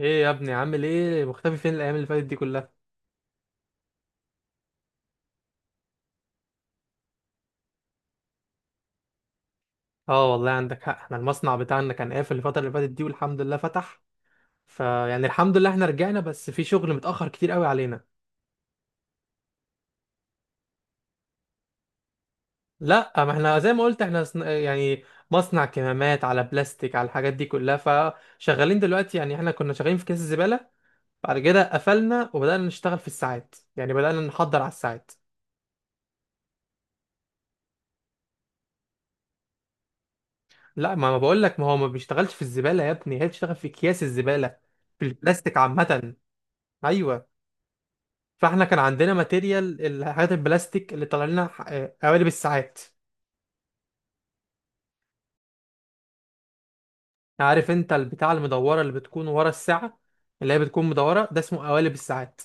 ايه يا ابني؟ عامل ايه؟ مختفي فين الايام اللي فاتت دي كلها؟ اه والله عندك حق، احنا المصنع بتاعنا كان قافل الفتره اللي فاتت دي، والحمد لله فتح. فيعني الحمد لله احنا رجعنا، بس في شغل متاخر كتير قوي علينا. لا، ما احنا زي ما قلت احنا مصنع كمامات، على بلاستيك، على الحاجات دي كلها. فشغالين دلوقتي، يعني احنا كنا شغالين في كيس الزباله، بعد كده قفلنا وبدانا نشتغل في الساعات، يعني بدانا نحضر على الساعات. لا، ما بقول لك، ما هو ما بيشتغلش في الزباله يا ابني، هي بتشتغل في اكياس الزباله، في البلاستيك عامه. ايوه. فاحنا كان عندنا ماتيريال الحاجات البلاستيك اللي طالع لنا قوالب الساعات. عارف انت البتاع المدوره اللي بتكون ورا الساعه، اللي هي بتكون مدوره، ده اسمه قوالب الساعات.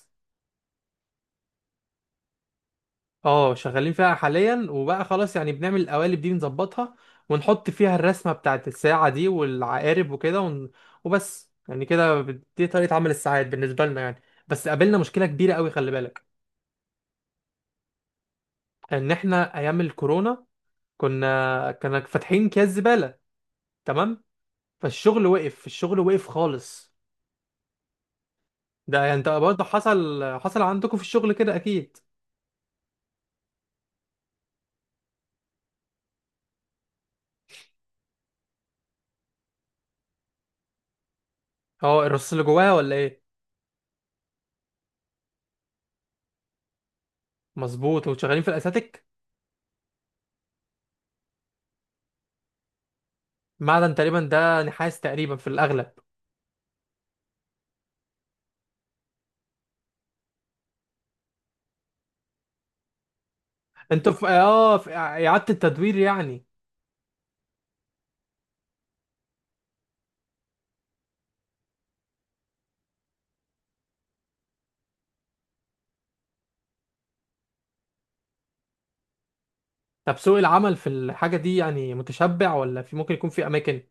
اه شغالين فيها حاليا، وبقى خلاص يعني بنعمل القوالب دي نظبطها، ونحط فيها الرسمه بتاعت الساعه دي والعقارب وكده وبس يعني كده. دي طريقه عمل الساعات بالنسبه لنا يعني. بس قابلنا مشكله كبيره قوي، خلي بالك، ان احنا ايام الكورونا كنا فاتحين اكياس زباله، تمام؟ فالشغل وقف، الشغل وقف خالص. ده يعني انت برضه حصل عندكم في الشغل كده اكيد. اه، الرصاص اللي جواها ولا ايه؟ مظبوط، انتوا شغالين في الاساتيك. معدن تقريبا، ده نحاس تقريبا في الاغلب. انتوا في اه في اعاده التدوير يعني. طب سوق العمل في الحاجه دي يعني متشبع ولا في ممكن يكون في اماكن؟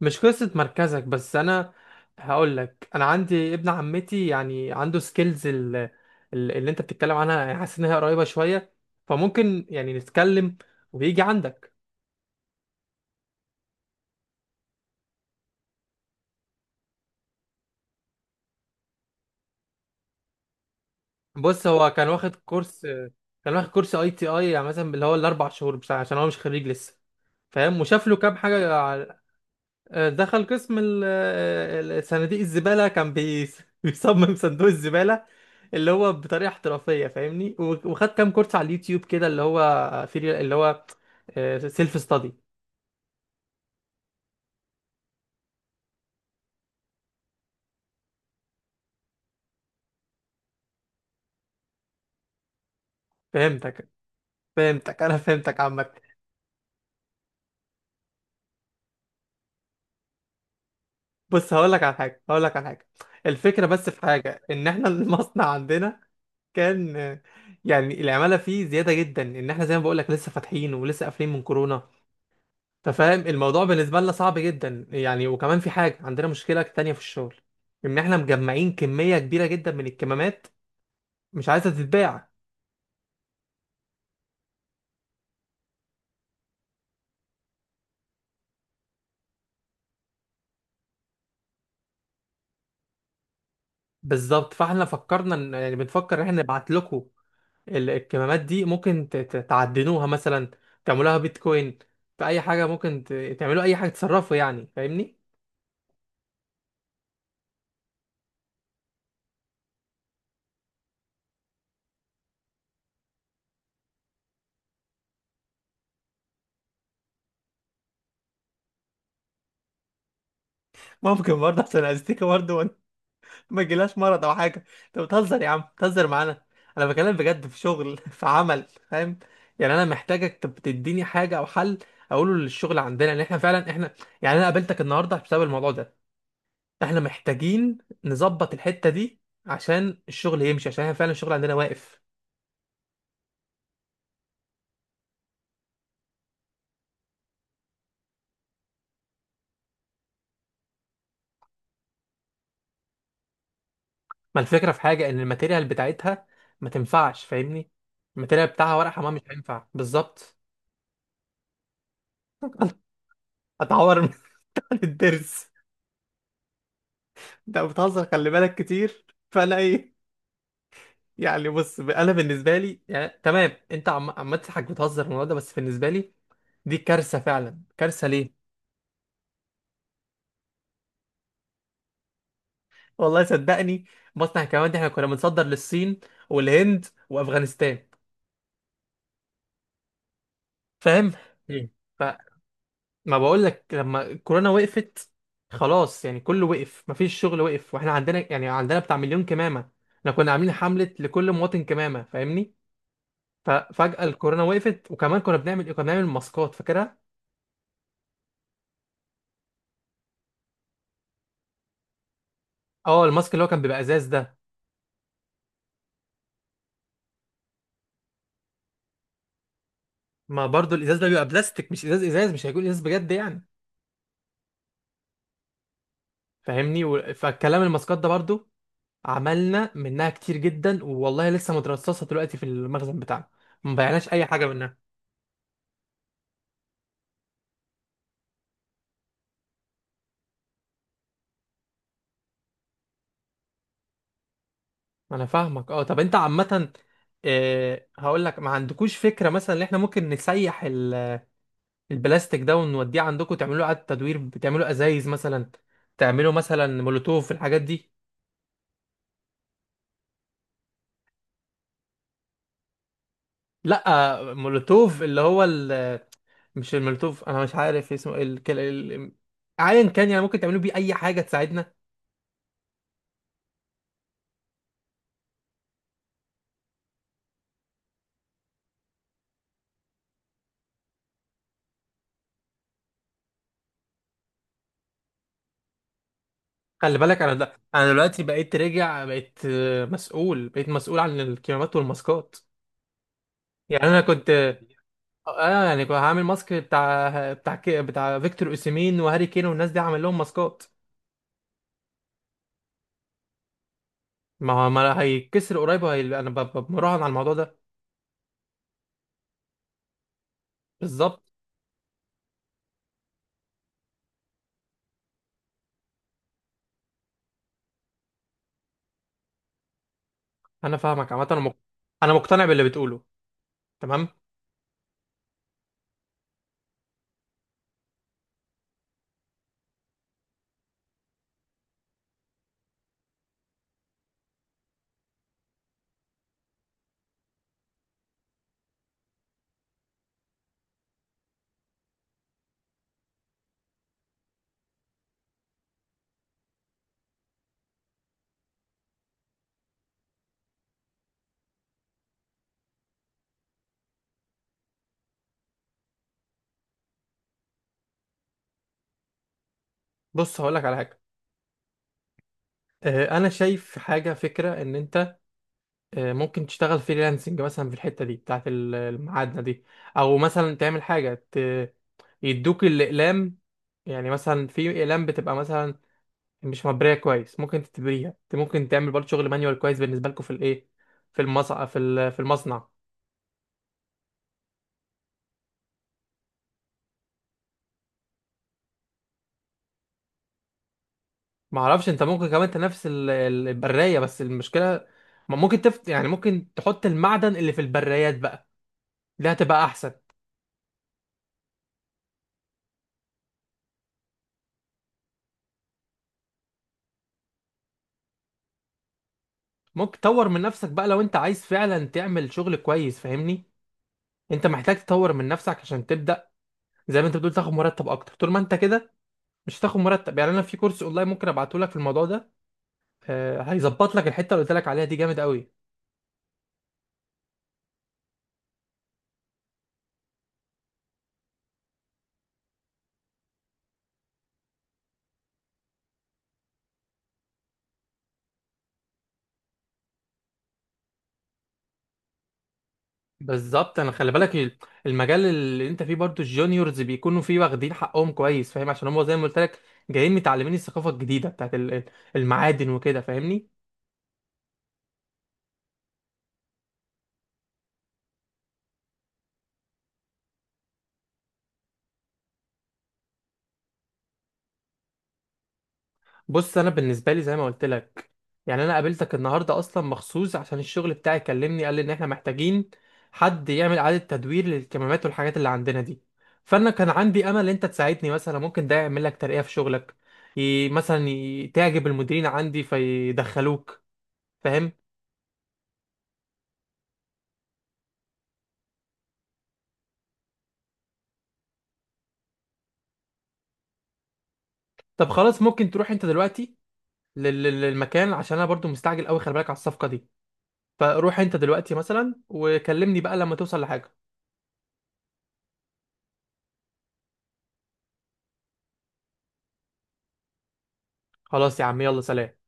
مش قصة مركزك، بس أنا هقول لك، أنا عندي ابن عمتي يعني عنده سكيلز اللي أنت بتتكلم عنها، يعني حاسس إن هي قريبة شوية، فممكن يعني نتكلم ويجي عندك. بص، هو كان واخد كورس، كان واخد كورس أي تي أي، يعني مثلا اللي هو الأربع شهور بتاع، عشان هو مش خريج لسه، فاهم؟ وشاف له كام حاجة. دخل قسم صناديق الزبالة، كان بيصمم صندوق الزبالة اللي هو بطريقة احترافية، فاهمني. وخد كام كورس على اليوتيوب كده، اللي هو في اللي هو سيلف ستادي. فهمتك، فهمتك، انا فهمتك عامة. بص هقول لك على حاجة، هقول لك على حاجة. الفكرة بس في حاجة، ان احنا المصنع عندنا كان يعني العمالة فيه زيادة جدا، ان احنا زي ما بقول لك لسه فاتحين ولسه قافلين من كورونا، انت فاهم؟ الموضوع بالنسبه لنا صعب جدا يعني. وكمان في حاجه عندنا، مشكله تانية في الشغل، ان احنا مجمعين كميه كبيره جدا من الكمامات، مش عايزه تتباع. بالظبط، فاحنا فكرنا ان، يعني بنفكر ان احنا نبعت لكم الكمامات دي، ممكن تعدنوها مثلا، تعملوها بيتكوين، في اي حاجه ممكن تعملوا اي حاجه، تصرفوا يعني، فاهمني؟ ممكن برضه، عشان الاستيكه برضه ما يجيلهاش مرض او حاجه. انت بتهزر يا عم، بتهزر معانا، انا بكلم بجد في شغل في عمل، فاهم؟ يعني انا محتاجك تديني حاجه او حل اقوله للشغل عندنا، ان احنا فعلا احنا، يعني انا قابلتك النهارده بسبب الموضوع ده. احنا محتاجين نظبط الحته دي عشان الشغل يمشي، عشان احنا فعلا الشغل عندنا واقف. ما الفكره في حاجه، ان الماتيريال بتاعتها ما تنفعش، فاهمني؟ الماتيريال بتاعها ورق حمام مش هينفع بالظبط. هتعور من الدرس. انت بتهزر، خلي بالك كتير. فانا ايه يعني، بص انا بالنسبه لي، يعني تمام انت عم تضحك، بتهزر في الموضوع ده، بس بالنسبه لي دي كارثه، فعلا كارثه. ليه؟ والله صدقني، مصنع الكمامات دي احنا كنا بنصدر للصين والهند وافغانستان، فاهم؟ مم. فما بقول لك، لما الكورونا وقفت، خلاص يعني كله وقف، مفيش شغل، وقف، واحنا عندنا يعني عندنا بتاع 1000000 كمامه. احنا كنا عاملين حمله لكل مواطن كمامه، فاهمني؟ ففجاه الكورونا وقفت. وكمان كنا بنعمل ايه، كنا بنعمل ماسكات، فاكرها؟ اه الماسك اللي هو كان بيبقى ازاز ده. ما برضو الازاز ده بيبقى بلاستيك، مش ازاز، ازاز مش هيكون ازاز بجد يعني، فاهمني. فالكلام الماسكات ده برضو عملنا منها كتير جدا والله، لسه مترصصه دلوقتي في المخزن بتاعنا، ما بيعناش اي حاجه منها. انا فاهمك، اه. طب انت عامه، هقول لك، ما عندكوش فكره مثلا ان احنا ممكن نسيح البلاستيك ده ونوديه عندكم، تعملوا اعاده تدوير، بتعملوا ازايز مثلا، تعملوا مثلا مولوتوف، الحاجات دي. لا مولوتوف اللي هو مش المولوتوف، انا مش عارف اسمه ايه، ايا كان يعني، ممكن تعملوا بيه اي حاجه تساعدنا. خلي بالك انا، ده انا دلوقتي بقيت راجع، بقيت مسؤول، بقيت مسؤول عن الكمامات والماسكات. يعني انا كنت يعني كنت هعمل ماسك بتاع بتاع بتاع فيكتور اوسيمين وهاري كين والناس دي، هعمل لهم ماسكات. ما هو ما هيتكسر قريب وهي... انا ب... ب- مراهن على الموضوع ده. بالظبط. انا فاهمك عامه، انا مقتنع باللي بتقوله، تمام. بص هقول لك على حاجه، انا شايف حاجه، فكره ان انت ممكن تشتغل فريلانسنج مثلا في الحته دي بتاعت المعادنه دي، او مثلا تعمل حاجه يدوك الاقلام. يعني مثلا في اقلام بتبقى مثلا مش مبريه كويس، ممكن تتبريها انت، ممكن تعمل برضه شغل مانيوال كويس بالنسبه لكم في الايه، في المصنع، في في المصنع. ما اعرفش، انت ممكن كمان تنافس البرايه، بس المشكله ما ممكن تفت، يعني ممكن تحط المعدن اللي في البرايات بقى، دي هتبقى احسن. ممكن تطور من نفسك بقى، لو انت عايز فعلا تعمل شغل كويس، فاهمني؟ انت محتاج تطور من نفسك عشان تبدا زي ما انت بتقول تاخد مرتب اكتر. طول ما انت كده مش هتاخد مرتب. يعني انا في كورس اونلاين ممكن ابعته لك في الموضوع ده، هيظبط لك الحته اللي قلت لك عليها دي، جامد قوي. بالظبط. انا خلي بالك المجال اللي انت فيه برضو الجونيورز بيكونوا فيه واخدين حقهم كويس، فاهم؟ عشان هم زي ما قلت لك جايين متعلمين الثقافه الجديده بتاعت المعادن وكده، فاهمني؟ بص انا بالنسبه لي زي ما قلت لك، يعني انا قابلتك النهارده اصلا مخصوص عشان الشغل بتاعي كلمني، قال لي ان احنا محتاجين حد يعمل اعاده تدوير للكمامات والحاجات اللي عندنا دي. فانا كان عندي امل ان انت تساعدني مثلا، ممكن ده يعمل لك ترقيه في شغلك، مثلا تعجب المديرين عندي فيدخلوك، فاهم؟ طب خلاص ممكن تروح انت دلوقتي للمكان، عشان انا برضو مستعجل قوي، خلي بالك على الصفقه دي. فروح انت دلوقتي مثلا وكلمني بقى لما توصل لحاجه. خلاص يا عم، يلا سلام.